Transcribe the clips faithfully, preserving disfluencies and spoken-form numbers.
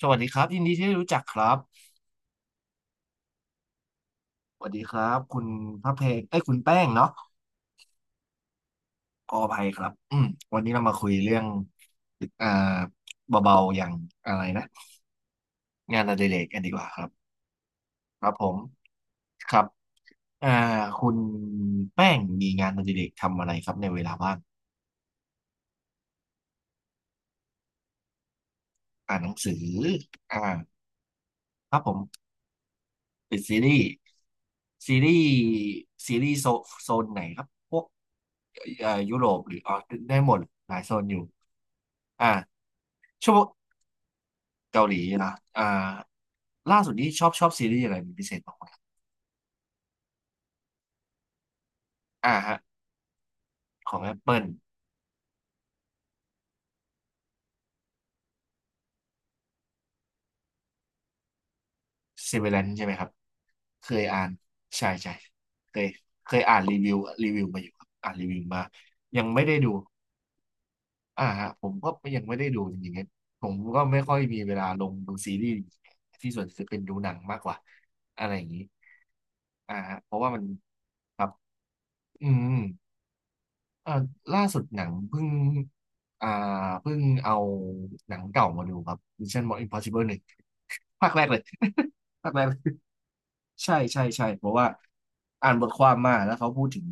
สวัสดีครับยินดีที่ได้รู้จักครับสวัสดีครับคุณพระเพงเอ้ยคุณแป้งเนาะขออภัยครับอืมวันนี้เรามาคุยเรื่องอ่าเบาๆอย่างอะไรนะงานอดิเรกกันดีกว่าครับครับผมครับอ่าคุณแป้งมีงานอดิเรกทำอะไรครับในเวลาว่างอ่านหนังสืออ่าครับผมเป็นซีรีส์ซีรีส์ซีรีส์โซโซนไหนครับพวกเอ่อยุโรปหรืออ๋อได้หมดหลายโซนอยู่อ่าชั่วโมง เกาหลีนะอ่าล่าสุดนี้ชอบชอบซีรีส์อะไรเป็นพิเศษบ้างไหมอ่าฮะของ Apple Severance ใช่ไหมครับเคยอ่านใช่ใช่เคยเคยอ่านรีวิวรีวิวมาอยู่ครับอ่านรีวิวมายังไม่ได้ดูอ่าฮะผมก็ยังไม่ได้ดูจริงๆผมก็ไม่ค่อยมีเวลาลงดูซีรีส์ที่ส่วนจะเป็นดูหนังมากกว่าอะไรอย่างนี้อ่าฮะเพราะว่ามันครับอืม เอ่อล่าสุดหนังเพิ่งอ่าเพิ่งเอาหนังเก่ามาดูครับ Mission Impossible หนึ่ง ภาคแรกเลย ภาคแรกเลย ใช่ใช่ใช่เพราะว่าอ่านบทความมาแล้วเขาพูดถึง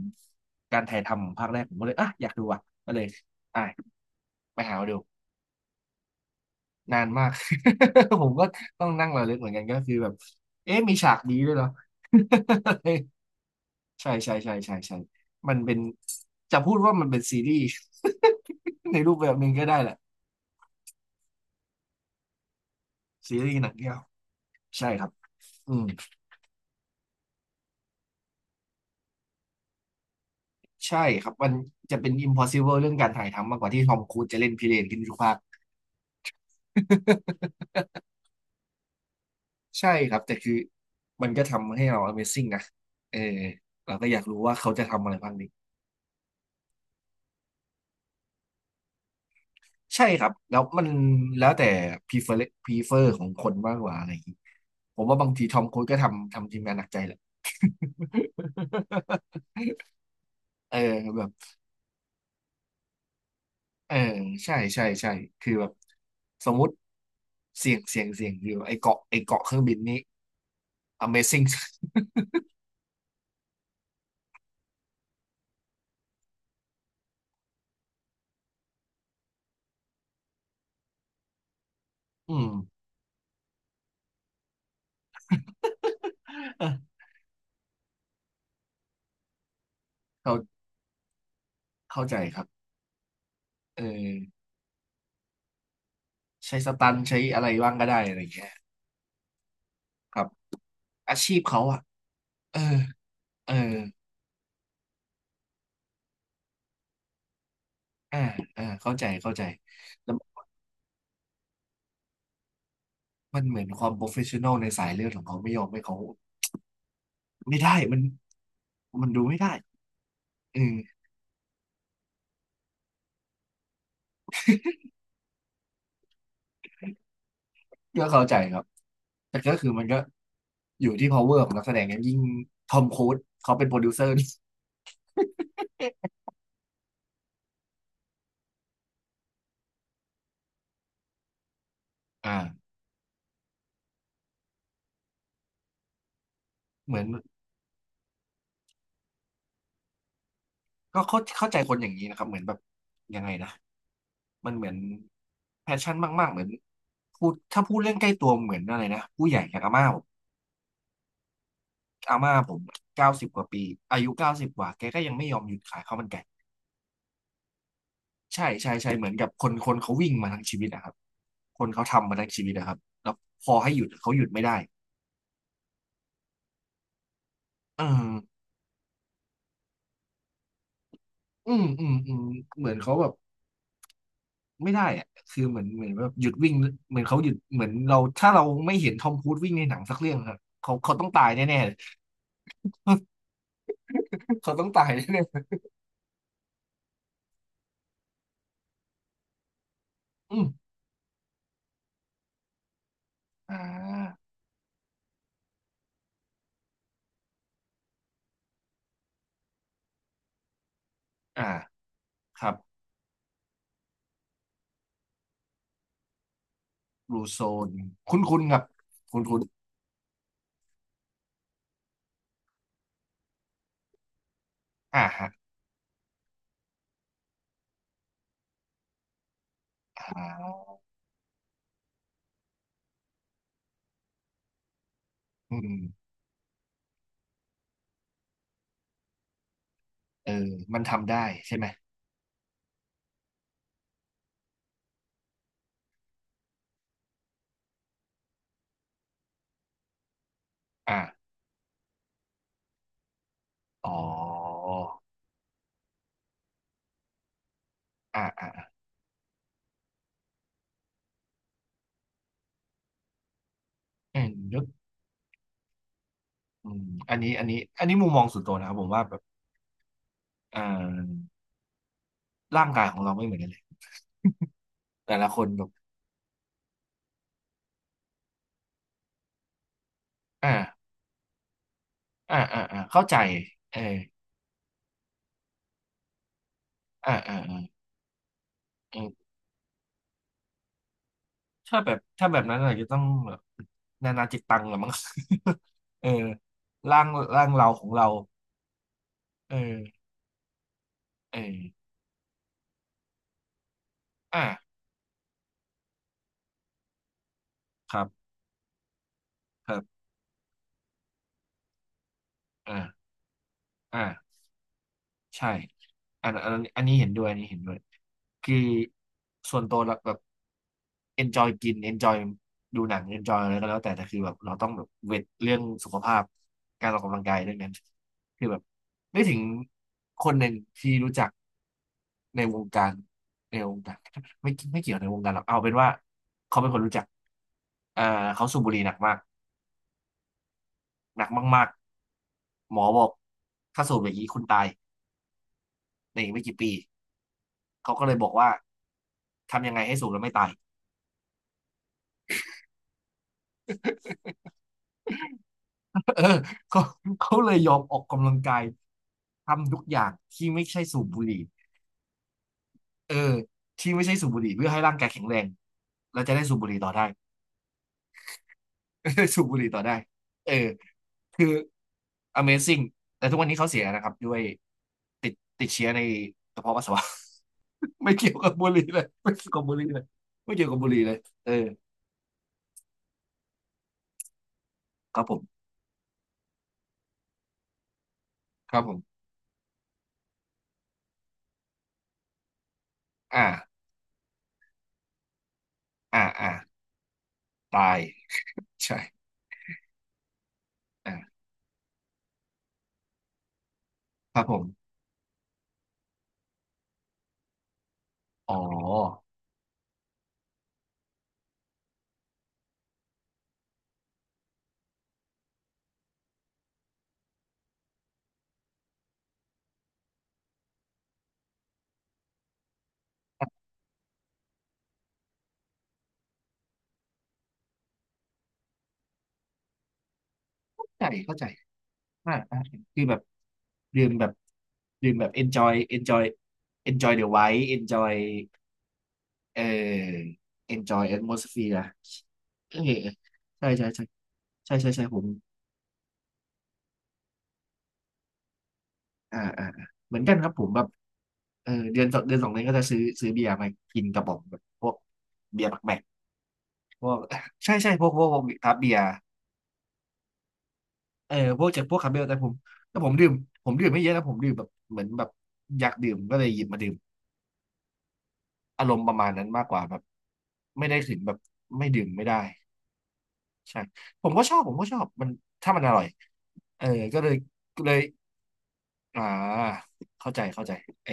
การถ่ายทำของภาคแรกผมก็เลยอ่ะอยากดูอ่ะก็เลยอ่ะไปหามาดูนานมาก ผมก็ต้องนั่งระลึกเหมือนกันก็คือแบบเอ๊ะมีฉากนี้ด้วยเหรอ ใช่ใช่ใช่ใช่ใช่มันเป็นจะพูดว่ามันเป็นซีรีส์ ในรูปแบบหนึ่งก็ได้แหละ ซีรีส์หนังเดียวใช่ครับอืมใช่ครับมันจะเป็น impossible เรื่องการถ่ายทำมากกว่าที่ทอมครูซจะเล่นพิเรนขึ้นทุกภาค ใช่ครับแต่คือมันก็ทำให้เรา Amazing นะเออเราก็อยากรู้ว่าเขาจะทำอะไรบ้างนี้ใช่ครับแล้วมันแล้วแต่ prefer prefer ของคนมากกว่าอะไรอย่างนี้ผมว่าบางทีทอมครูซก็ทำทำทีมงานหนักใจแหละ เออแบบ เออใช่ใช่ใช่คือแบบสมมุติเสี่ยงเสี่ยงเสี่ยงอยู่ไอเกาะไอเกาะเครื่องบินนี้ Amazing อืมเออเข้าเข้าใจครับเออใช้สตันใช้อะไรบ้างก็ได้อะไรอย่างเงี้ยครับอาชีพเขาอ่ะเออเอออ่าอ่าเข้าใจเข้าใจแต่มันเหมือนความโปรเฟชชั่นอลในสายเลือดของเขาไม่ยอมให้เขาไม่ได้มันมันดูไม่ได้เออ ก็เข้าใจครับ แต่ก็คือมันก็อยู่ที่ power ของนักแสดงนั้นยิ่งทอมครูซเขาเป็นโปรดิวเซอร์นี่ อ่าเหมือนก็เข้าเข้าใจคนอย่างนี้นะครับ เหมือนแบบยังไงนะ มันเหมือนแพชชั่นมากๆเหมือนพูดถ้าพูดเรื่องใกล้ตัวเหมือนอะไรนะผู้ใหญ่อย่างอาม่าผมอาม่าผมเก้าสิบกว่าปีอายุเก้าสิบกว่า แกก็ยังไม่ยอมหยุดขายข้าวมันไก่ ใช่ใช่ใช่เหมือนกับคนคนเขาวิ่งมาทั้งชีวิตนะครับคนเขาทำมาทั้งชีวิตนะครับแล้วพอให้หยุดเขาหยุดไม่ได้เออ อืมอืมอืมเหมือนเขาแบบไม่ได้อะคือเหมือนเหมือนแบบหยุดวิ่งเหมือนเขาหยุดเหมือนเราถ้าเราไม่เห็นทอมครูซวิ่งในหนังสักเรื่องครับเขาเขาต้องตายแน่ๆเลยเขาต้องตายแน่ๆอืมอ่าอ่าครับบลูโซนคุ้นคุ้นครับคุ้นคุ้นอ่าฮะอ่าอืมเออมันทำได้ใช่ไหมอ่าอ๋ออ่าอ่าอ่าเออนึกอืมอันนี้อันนี้อันนี้มุมมองส่วนตัวนะครับผมว่าแบบเอ่อร่างกายของเราไม่เหมือนกันเลยแต่ละคนแบบอ่า อ่าอ่าอ่าเข้าใจเอออ่าอ่าอ่าเออถ้าแบบถ้าแบบนั้นอาจจะต้องแบบนานาจิตตังละมั้ง เออร่างร่างเราของเราเออเอออ่าครับครับอ่าอ่า ใช่อันอันอันนี้เห็นด้วย อันนี้เห็นด้วยคือส่วนตัวเราแบบ enjoy กิน enjoy ดูหนัง enjoy อะไรก็แล้วแต่แต่คือแบบเราต้องแบบเวทเรื่องสุขภาพการออกกำลังกายเรื่องนั้นคือแบบนึกถึงคนหนึ่งที่รู้จักในวงการในวงการ ไม่ไม่เกี่ยวในวงการหรอกเอาเป็นว่าเขาเป็นคนรู้จักเอ่อเขาสูบบุหรี่หนักมากหนักมากๆหมอบอกถ้าสูบอย่างนี้คุณตายในอีกไม่กี่ปี เขาก็เลยบอกว่าทำยังไงให้สูบแล้วไม่ตาย เออเขาเขาเลยยอมออกกำลังกายทำทุกอย่างที่ไม่ใช่สูบบุหรี่เออที่ไม่ใช่สูบบุหรี่เพื่อให้ร่างกายแข็งแรงเราจะได้สูบบุหรี่ต่อได้ สูบบุหรี่ต่อได้เออคือ Amazing แต่ทุกวันนี้เขาเสียนะครับด้วยติดติดเชื้อในกระเพาะปัสสาวะ ไม่เกี่ยวกับบุหรี่เลยไม่เกี่ยวกับบุหรี่เลยไม่เกี่ยวกับบุหรี่เลยเออครับผมครับผมอ่าอ่าอ่าตายใช่อ่า ครับผม อ๋อเข้าใจเข้าใจอ่าอ่าคือแบบดื่มแบบดื่มแบบ enjoy enjoy enjoy the vibe enjoy เอ่อ enjoy atmosphere เออใช่ใช่ใช่ใช่ใช่ใช่ผมอ่าอ่าอ่าเหมือนกันครับผมแบบเออเดือนสองเดือนสองเดือนก็จะซื้อซื้อเบียร์มากินกระป๋องแบบพวกเบียร์แบกแบกพวก ใช่ใช่พวกพวกพวกทับเบียร์ เออพวกจากพวกคาเมลแต่ผมแต่ผมดื่มผมดื่มไม่เยอะนะผมดื่มแบบเหมือนแบบอยากดื่มก็เลยหยิบมาดื่มอารมณ์ประมาณนั้นมากกว่าแบบไม่ได้ถึงแบบไม่ดื่มไม่ได้ใช่ผมก็ชอบผมก็ชอบมันถ้ามันอร่อยเออก็เลยก็เลยอ่าเข้าใจเข้าใจไอ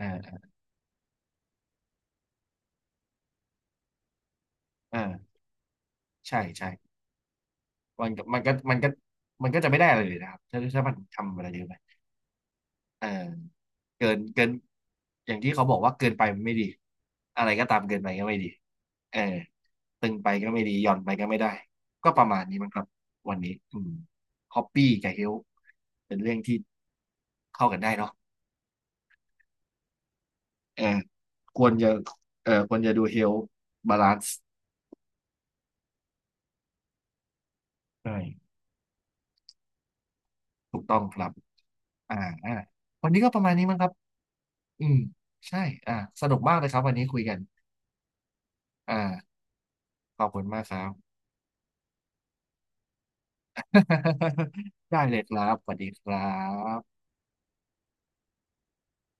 อ่าอ่าใช่ใช่มันก็มันก็มันก็มันก็จะไม่ได้อะไรเลยนะครับถ้าถ้ามันทำอะไรเยอะไป เออเกินเกินอย่างที่เขาบอกว่าเกินไปมันไม่ดีอะไรก็ตามเกินไปก็ไม่ดีเออตึงไปก็ไม่ดีหย่อนไปก็ไม่ได้ก็ประมาณนี้มั้งครับวันนี้อืมฮอปปี้กับเฮลเป็นเรื่องที่เข้ากันได้เนาะเออควรจะเออควรจะดูเฮลบาลานซ์ใช่ถูกต้องครับอ่าอ่าวันนี้ก็ประมาณนี้มั้งครับอืมใช่อ่าสนุกมากเลยครับวันนี้คุยกันอ่าขอบคุณมากครับ ได้เลยครับ สวัสดีครับ